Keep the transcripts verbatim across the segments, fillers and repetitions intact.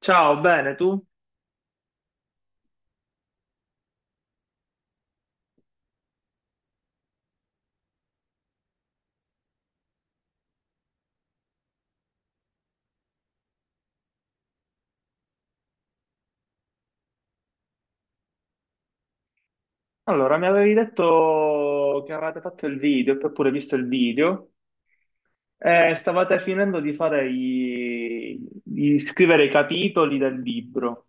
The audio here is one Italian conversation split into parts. Ciao, bene, tu? Allora, mi avevi detto che avevate fatto il video e poi pure visto il video e stavate finendo di fare i... di scrivere i capitoli del libro.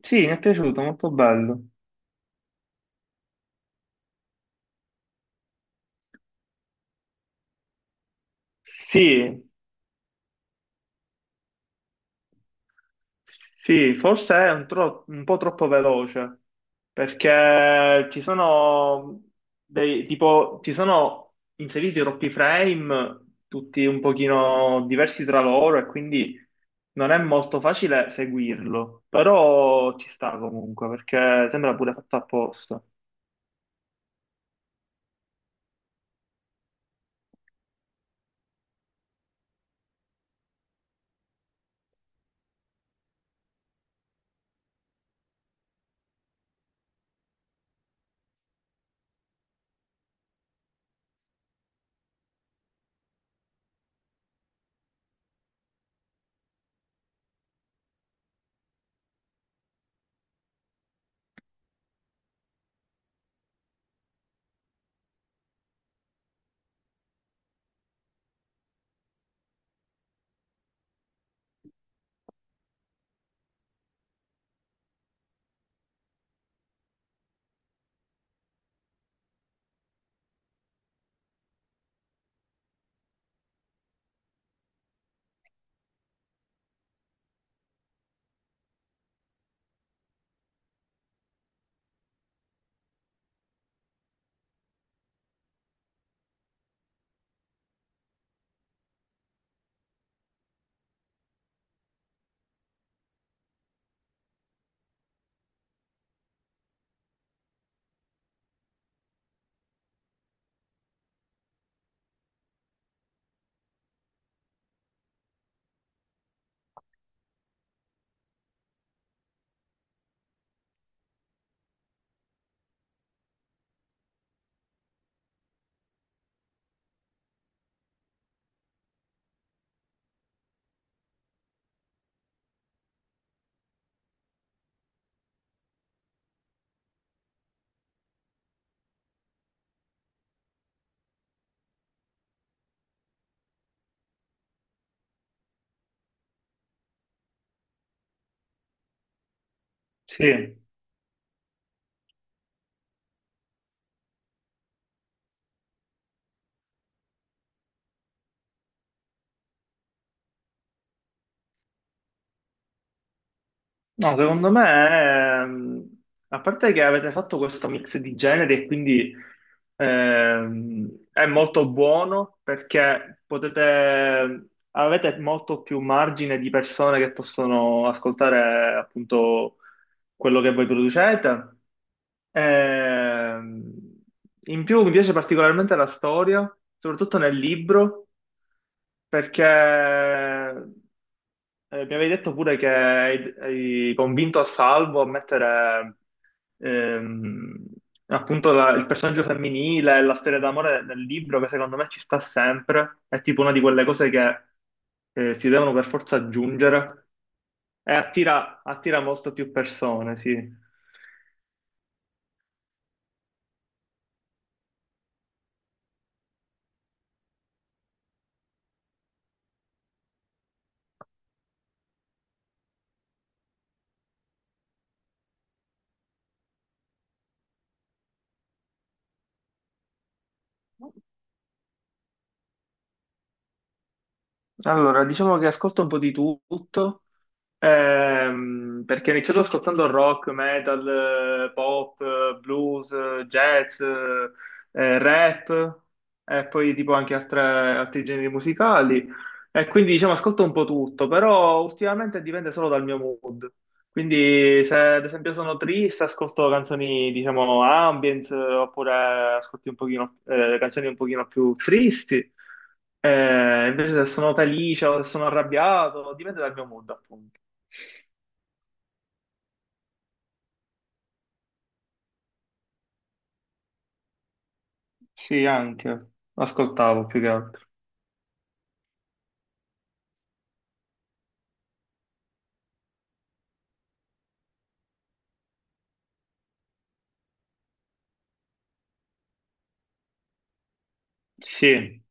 Sì, mi è piaciuto, molto bello. Sì. Sì, forse è un, tro- un po' troppo veloce, perché ci sono dei, tipo, ci sono inseriti troppi frame, tutti un pochino diversi tra loro, e quindi non è molto facile seguirlo, però ci sta comunque, perché sembra pure fatto apposta. Sì. No, secondo me, ehm, a parte che avete fatto questo mix di generi e quindi ehm, è molto buono perché potete, avete molto più margine di persone che possono ascoltare appunto quello che voi producete. Ehm, in più mi piace particolarmente la storia, soprattutto nel libro, perché eh, mi avevi detto pure che hai, hai convinto a Salvo a mettere ehm, appunto la- il personaggio femminile e la storia d'amore nel libro, che secondo me ci sta sempre. È tipo una di quelle cose che eh, si devono per forza aggiungere e attira, attira molto più persone, sì. Allora, diciamo che ascolto un po' di tutto, ehm, perché ho iniziato ascoltando rock, metal, eh, pop, eh, blues, eh, jazz, eh, eh, rap, e poi tipo anche altre- altri generi musicali, e quindi diciamo ascolto un po' tutto, però ultimamente dipende solo dal mio mood. Quindi se ad esempio sono triste, ascolto canzoni, diciamo, ambience, oppure ascolti un pochino, eh, canzoni un pochino più tristi. Eh, invece se sono felice o se sono arrabbiato, dipende dal mio mood, appunto. Sì, anche. Ascoltavo più che altro. Sì,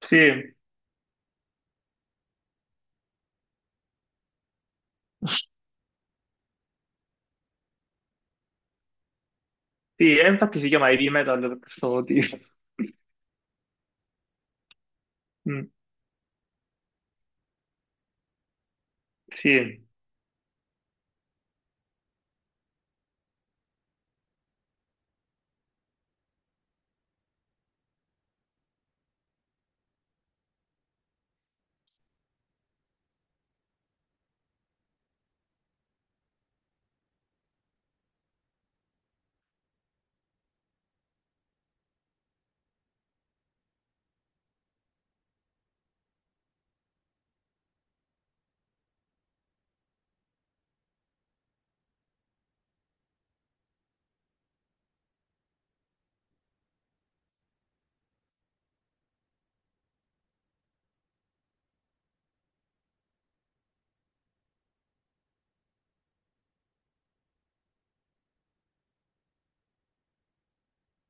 sì, sì, e infatti si chiama heavy metal per questo motivo. Mm, sì,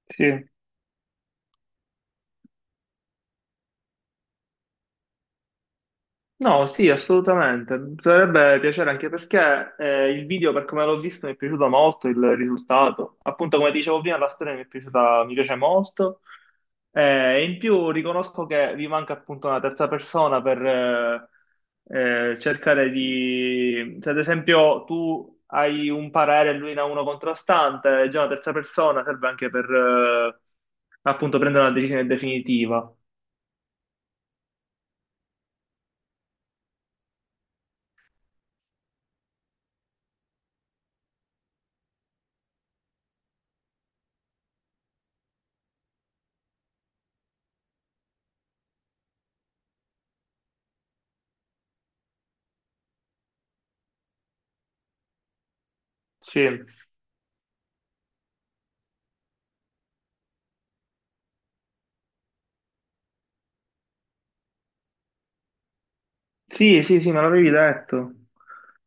sì. No, sì, assolutamente. Mi sarebbe piacere anche perché eh, il video, per come l'ho visto, mi è piaciuto molto il risultato. Appunto, come dicevo prima, la storia mi è piaciuta, mi piace molto. Eh, e in più riconosco che vi manca appunto una terza persona per eh, eh, cercare di... Se ad esempio tu hai un parere e lui ne ha uno contrastante, già una terza persona serve anche per eh, appunto prendere una decisione definitiva. Sì. Sì, sì, sì, me l'avevi detto.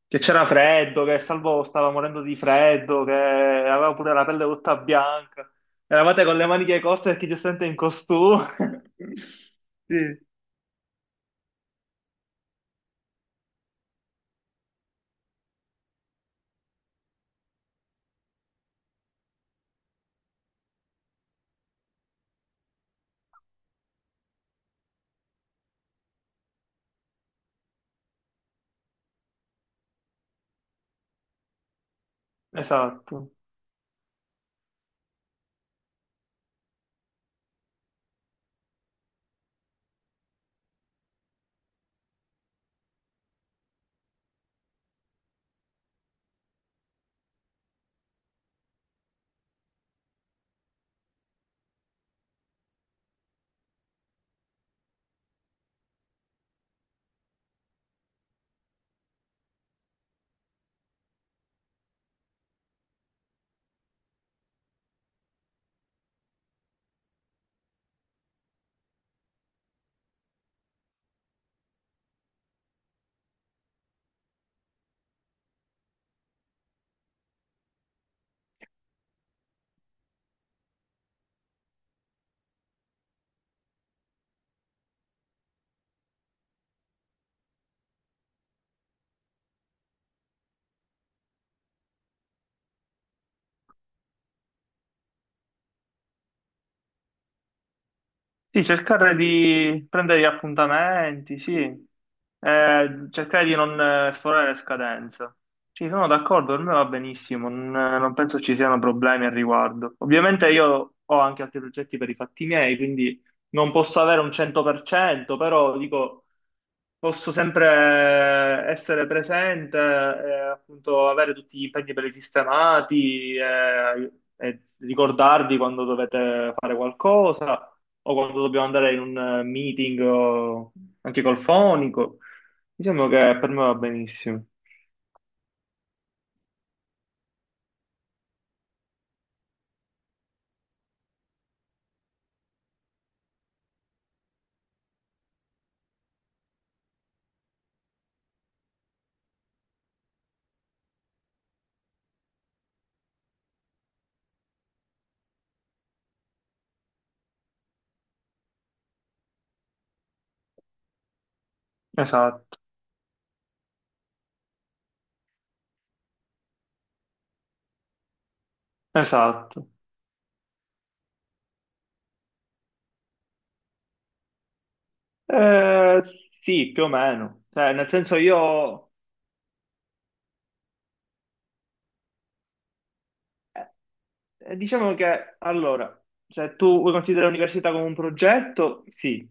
Che c'era freddo, che Salvo stava morendo di freddo, che aveva pure la pelle tutta bianca. Eravate con le maniche corte perché giustamente in costume. Sì, esatto. Sì, cercare di prendere gli appuntamenti, sì. Eh, cercare di non eh, sforare le scadenze. Sì, sono d'accordo, per me va benissimo, non, eh, non penso ci siano problemi al riguardo. Ovviamente io ho anche altri progetti per i fatti miei, quindi non posso avere un cento per cento, però dico, posso sempre essere presente e appunto avere tutti gli impegni presistemati e, e ricordarvi quando dovete fare qualcosa o quando dobbiamo andare in un eh, meeting o anche col fonico. Diciamo che per me va benissimo. Esatto, esatto. Eh, sì, più o meno. Cioè, nel senso io eh, Eh, diciamo che allora, se tu vuoi considerare l'università come un progetto, sì.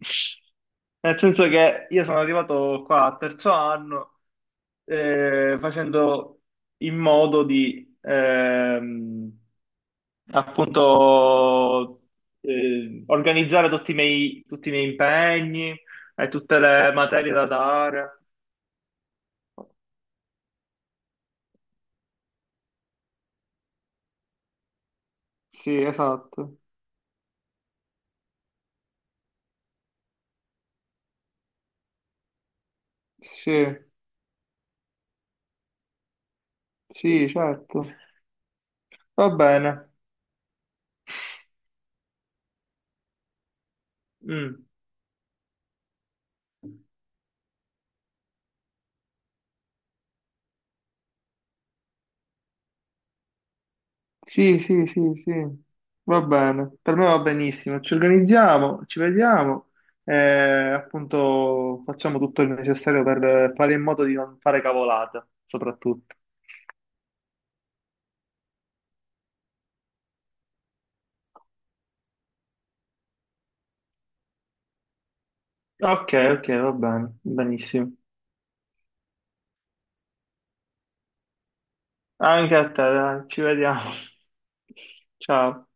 Nel senso che io sono arrivato qua a terzo anno eh, facendo in modo di ehm, appunto eh, organizzare tutti i miei, tutti i miei impegni e tutte le materie da dare. Sì, esatto. Sì, sì, certo. Va bene. Mm. Sì, sì, sì, sì, va bene, per me va benissimo, ci organizziamo, ci vediamo e appunto facciamo tutto il necessario per fare in modo di non fare cavolate, soprattutto. Ok, ok, va bene, benissimo. Anche a te, dai, ci vediamo. Ciao.